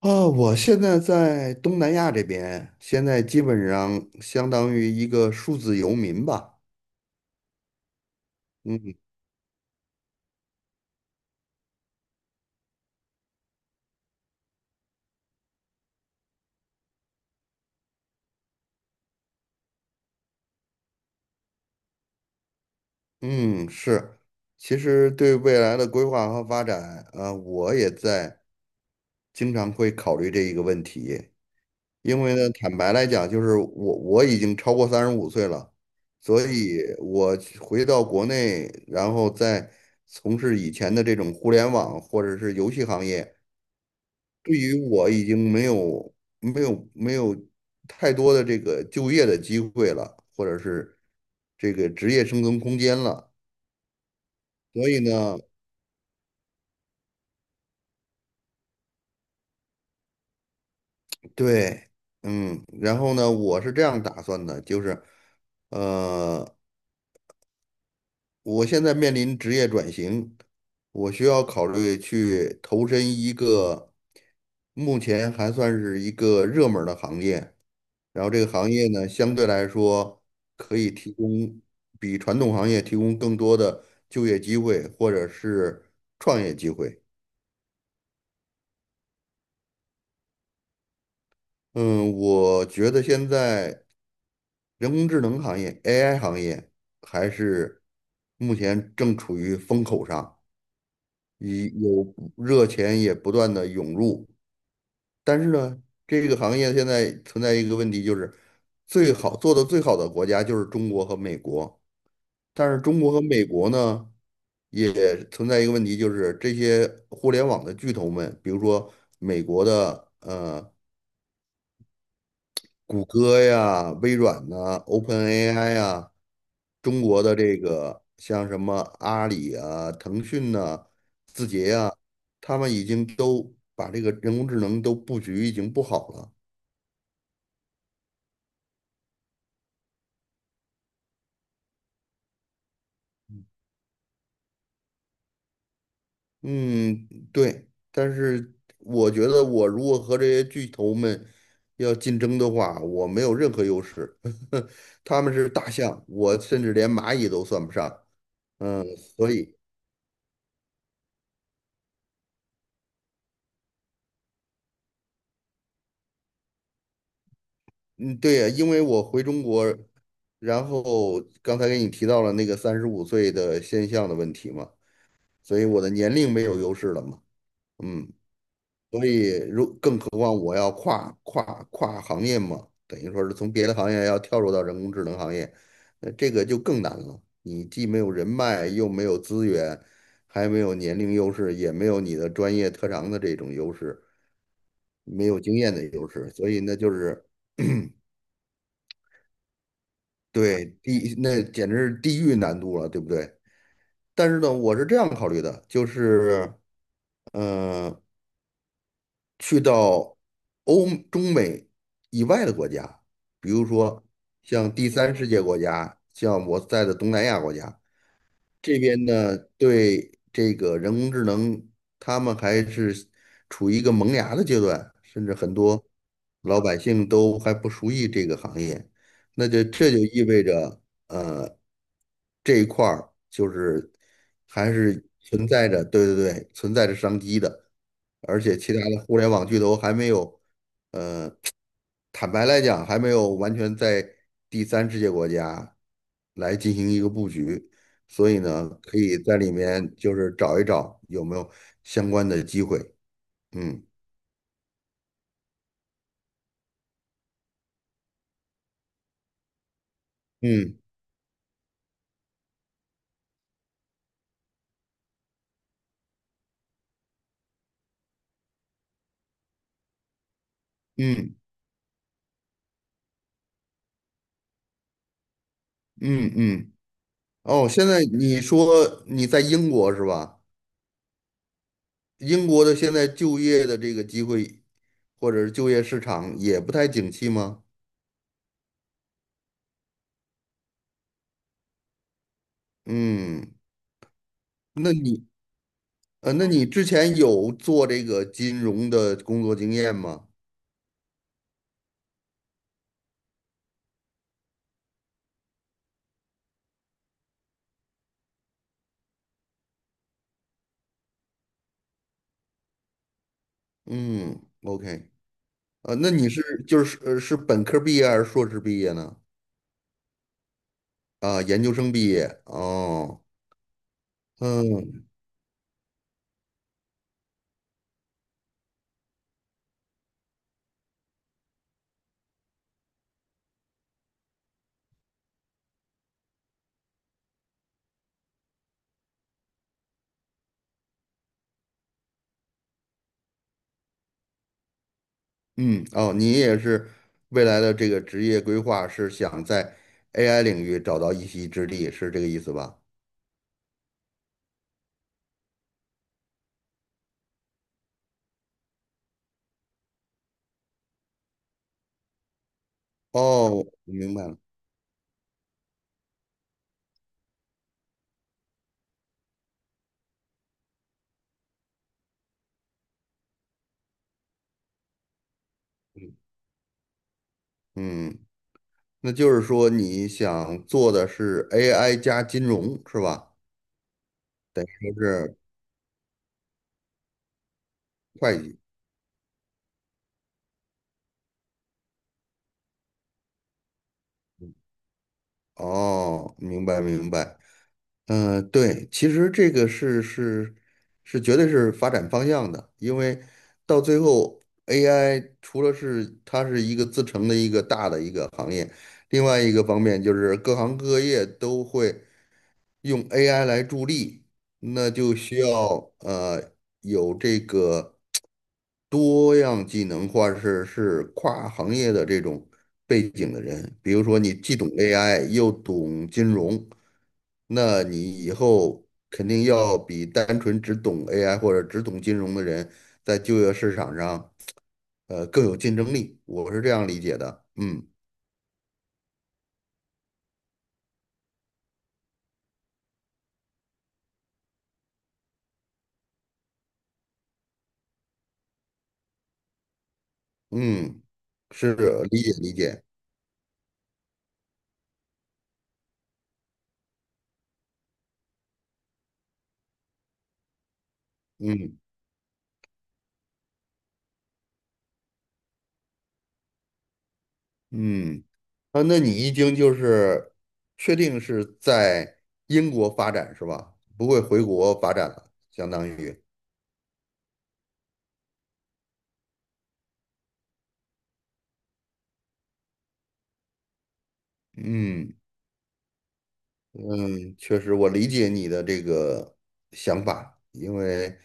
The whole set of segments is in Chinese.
啊，我现在在东南亚这边，现在基本上相当于一个数字游民吧。嗯嗯，是。其实对未来的规划和发展，啊，我也在经常会考虑这一个问题。因为呢，坦白来讲，就是我已经超过三十五岁了，所以我回到国内，然后再从事以前的这种互联网或者是游戏行业。对于我已经没有太多的这个就业的机会了，或者是这个职业生存空间了。所以呢，对，嗯，然后呢，我是这样打算的，就是，呃，我现在面临职业转型，我需要考虑去投身一个目前还算是一个热门儿的行业，然后这个行业呢，相对来说可以提供比传统行业提供更多的就业机会或者是创业机会。嗯，我觉得现在人工智能行业 AI 行业还是目前正处于风口上。以有热钱也不断的涌入，但是呢，这个行业现在存在一个问题，就是最好做的最好的国家就是中国和美国，但是中国和美国呢，也存在一个问题，就是这些互联网的巨头们，比如说美国的谷歌呀、微软呐、OpenAI 呀，中国的这个像什么阿里啊、腾讯呐、字节呀，他们已经都把这个人工智能都布局已经布好了。嗯，对，但是我觉得我如果和这些巨头们要竞争的话，我没有任何优势。他们是大象，我甚至连蚂蚁都算不上。嗯，所以。嗯，对呀，因为我回中国，然后刚才给你提到了那个三十五岁的现象的问题嘛，所以我的年龄没有优势了嘛，嗯，所以更何况我要跨行业嘛，等于说是从别的行业要跳入到人工智能行业，那这个就更难了。你既没有人脉，又没有资源，还没有年龄优势，也没有你的专业特长的这种优势，没有经验的优势，所以那就是。对，那简直是地狱难度了，对不对？但是呢，我是这样考虑的，就是，嗯、去到欧中美以外的国家，比如说像第三世界国家，像我在的东南亚国家，这边呢，对这个人工智能，他们还是处于一个萌芽的阶段，甚至很多老百姓都还不熟悉这个行业。那就这就意味着，呃，这一块儿就是还是存在着，对对对，存在着商机的，而且其他的互联网巨头还没有。坦白来讲，还没有完全在第三世界国家来进行一个布局，所以呢，可以在里面就是找一找有没有相关的机会。嗯嗯嗯嗯嗯。哦，现在你说你在英国是吧？英国的现在就业的这个机会，或者是就业市场也不太景气吗？嗯，那你那你之前有做这个金融的工作经验吗？嗯，OK，那你是就是是本科毕业还是硕士毕业呢？啊，研究生毕业哦，嗯嗯哦，你也是未来的这个职业规划是想在 AI 领域找到一席之地，是这个意思吧？哦，我明白了，嗯，那就是说你想做的是 AI 加金融是吧？还是会计？嗯哦，明白明白。嗯，对，其实这个是绝对是发展方向的，因为到最后 AI 除了是它是一个自成的一个大的一个行业，另外一个方面就是各行各业都会用 AI 来助力，那就需要有这个多样技能或者是是跨行业的这种背景的人，比如说你既懂 AI 又懂金融。那你以后肯定要比单纯只懂 AI 或者只懂金融的人，在就业市场上，更有竞争力。我是这样理解的。嗯嗯，是理解理解。嗯嗯，啊，那你已经就是确定是在英国发展是吧？不会回国发展了，相当于。嗯嗯，确实，我理解你的这个想法，因为。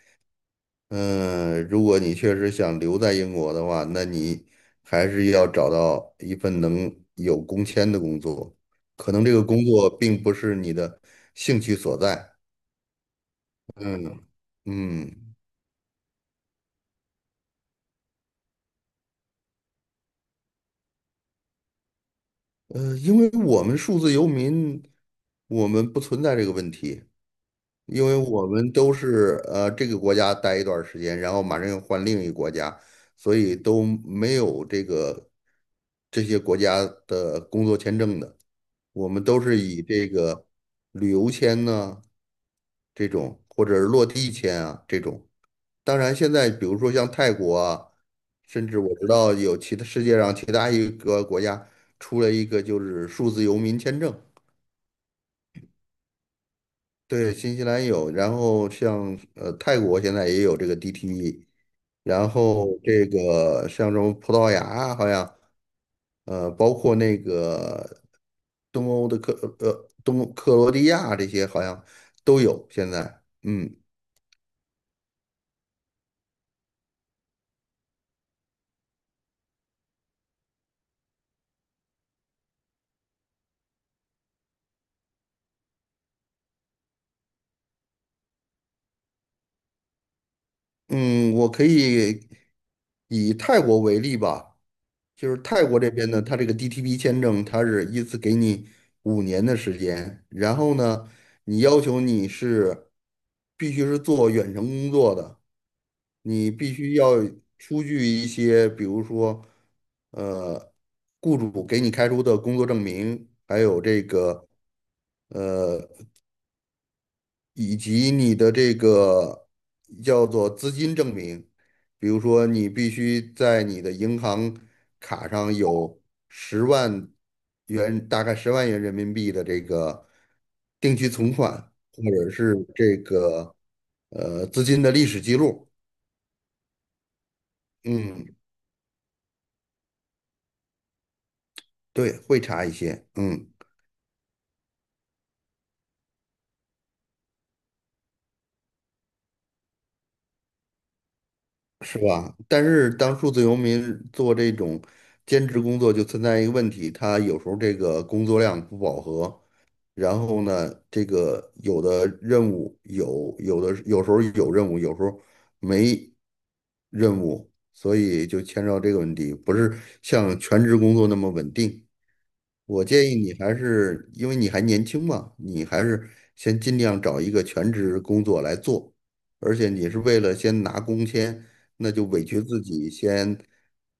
嗯，如果你确实想留在英国的话，那你还是要找到一份能有工签的工作。可能这个工作并不是你的兴趣所在。嗯嗯，因为我们数字游民，我们不存在这个问题。因为我们都是这个国家待一段儿时间，然后马上又换另一个国家，所以都没有这个这些国家的工作签证的。我们都是以这个旅游签呢、这种，或者是落地签啊这种。当然，现在比如说像泰国啊，甚至我知道有其他世界上其他一个国家出了一个就是数字游民签证。对，新西兰有，然后像泰国现在也有这个 DTE，然后这个像什么葡萄牙啊好像包括那个东欧的克东欧克罗地亚这些好像都有现在，嗯嗯，我可以以泰国为例吧，就是泰国这边呢，它这个 DTP 签证，它是依次给你5年的时间，然后呢，你要求你是必须是做远程工作的，你必须要出具一些，比如说，呃，雇主给你开出的工作证明，还有这个。以及你的这个叫做资金证明，比如说你必须在你的银行卡上有十万元，大概十万元人民币的这个定期存款，或者是这个资金的历史记录。嗯，对，会查一些，嗯，是吧？但是当数字游民做这种兼职工作，就存在一个问题，他有时候这个工作量不饱和。然后呢，这个有的任务有，有的有时候有任务，有时候没任务，所以就牵扯到这个问题，不是像全职工作那么稳定。我建议你还是，因为你还年轻嘛，你还是先尽量找一个全职工作来做，而且你是为了先拿工签，那就委屈自己先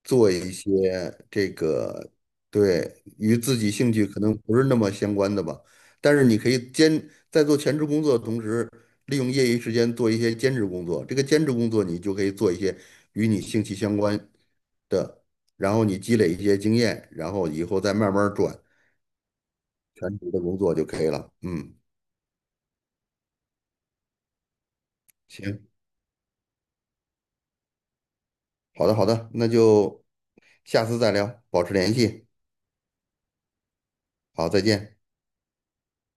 做一些这个，对，与自己兴趣可能不是那么相关的吧。但是你可以兼，在做全职工作的同时，利用业余时间做一些兼职工作。这个兼职工作你就可以做一些与你兴趣相关的。然后你积累一些经验，然后以后再慢慢儿转，全职的工作就可以了。嗯，行，好的好的，那就下次再聊，保持联系。好，再见。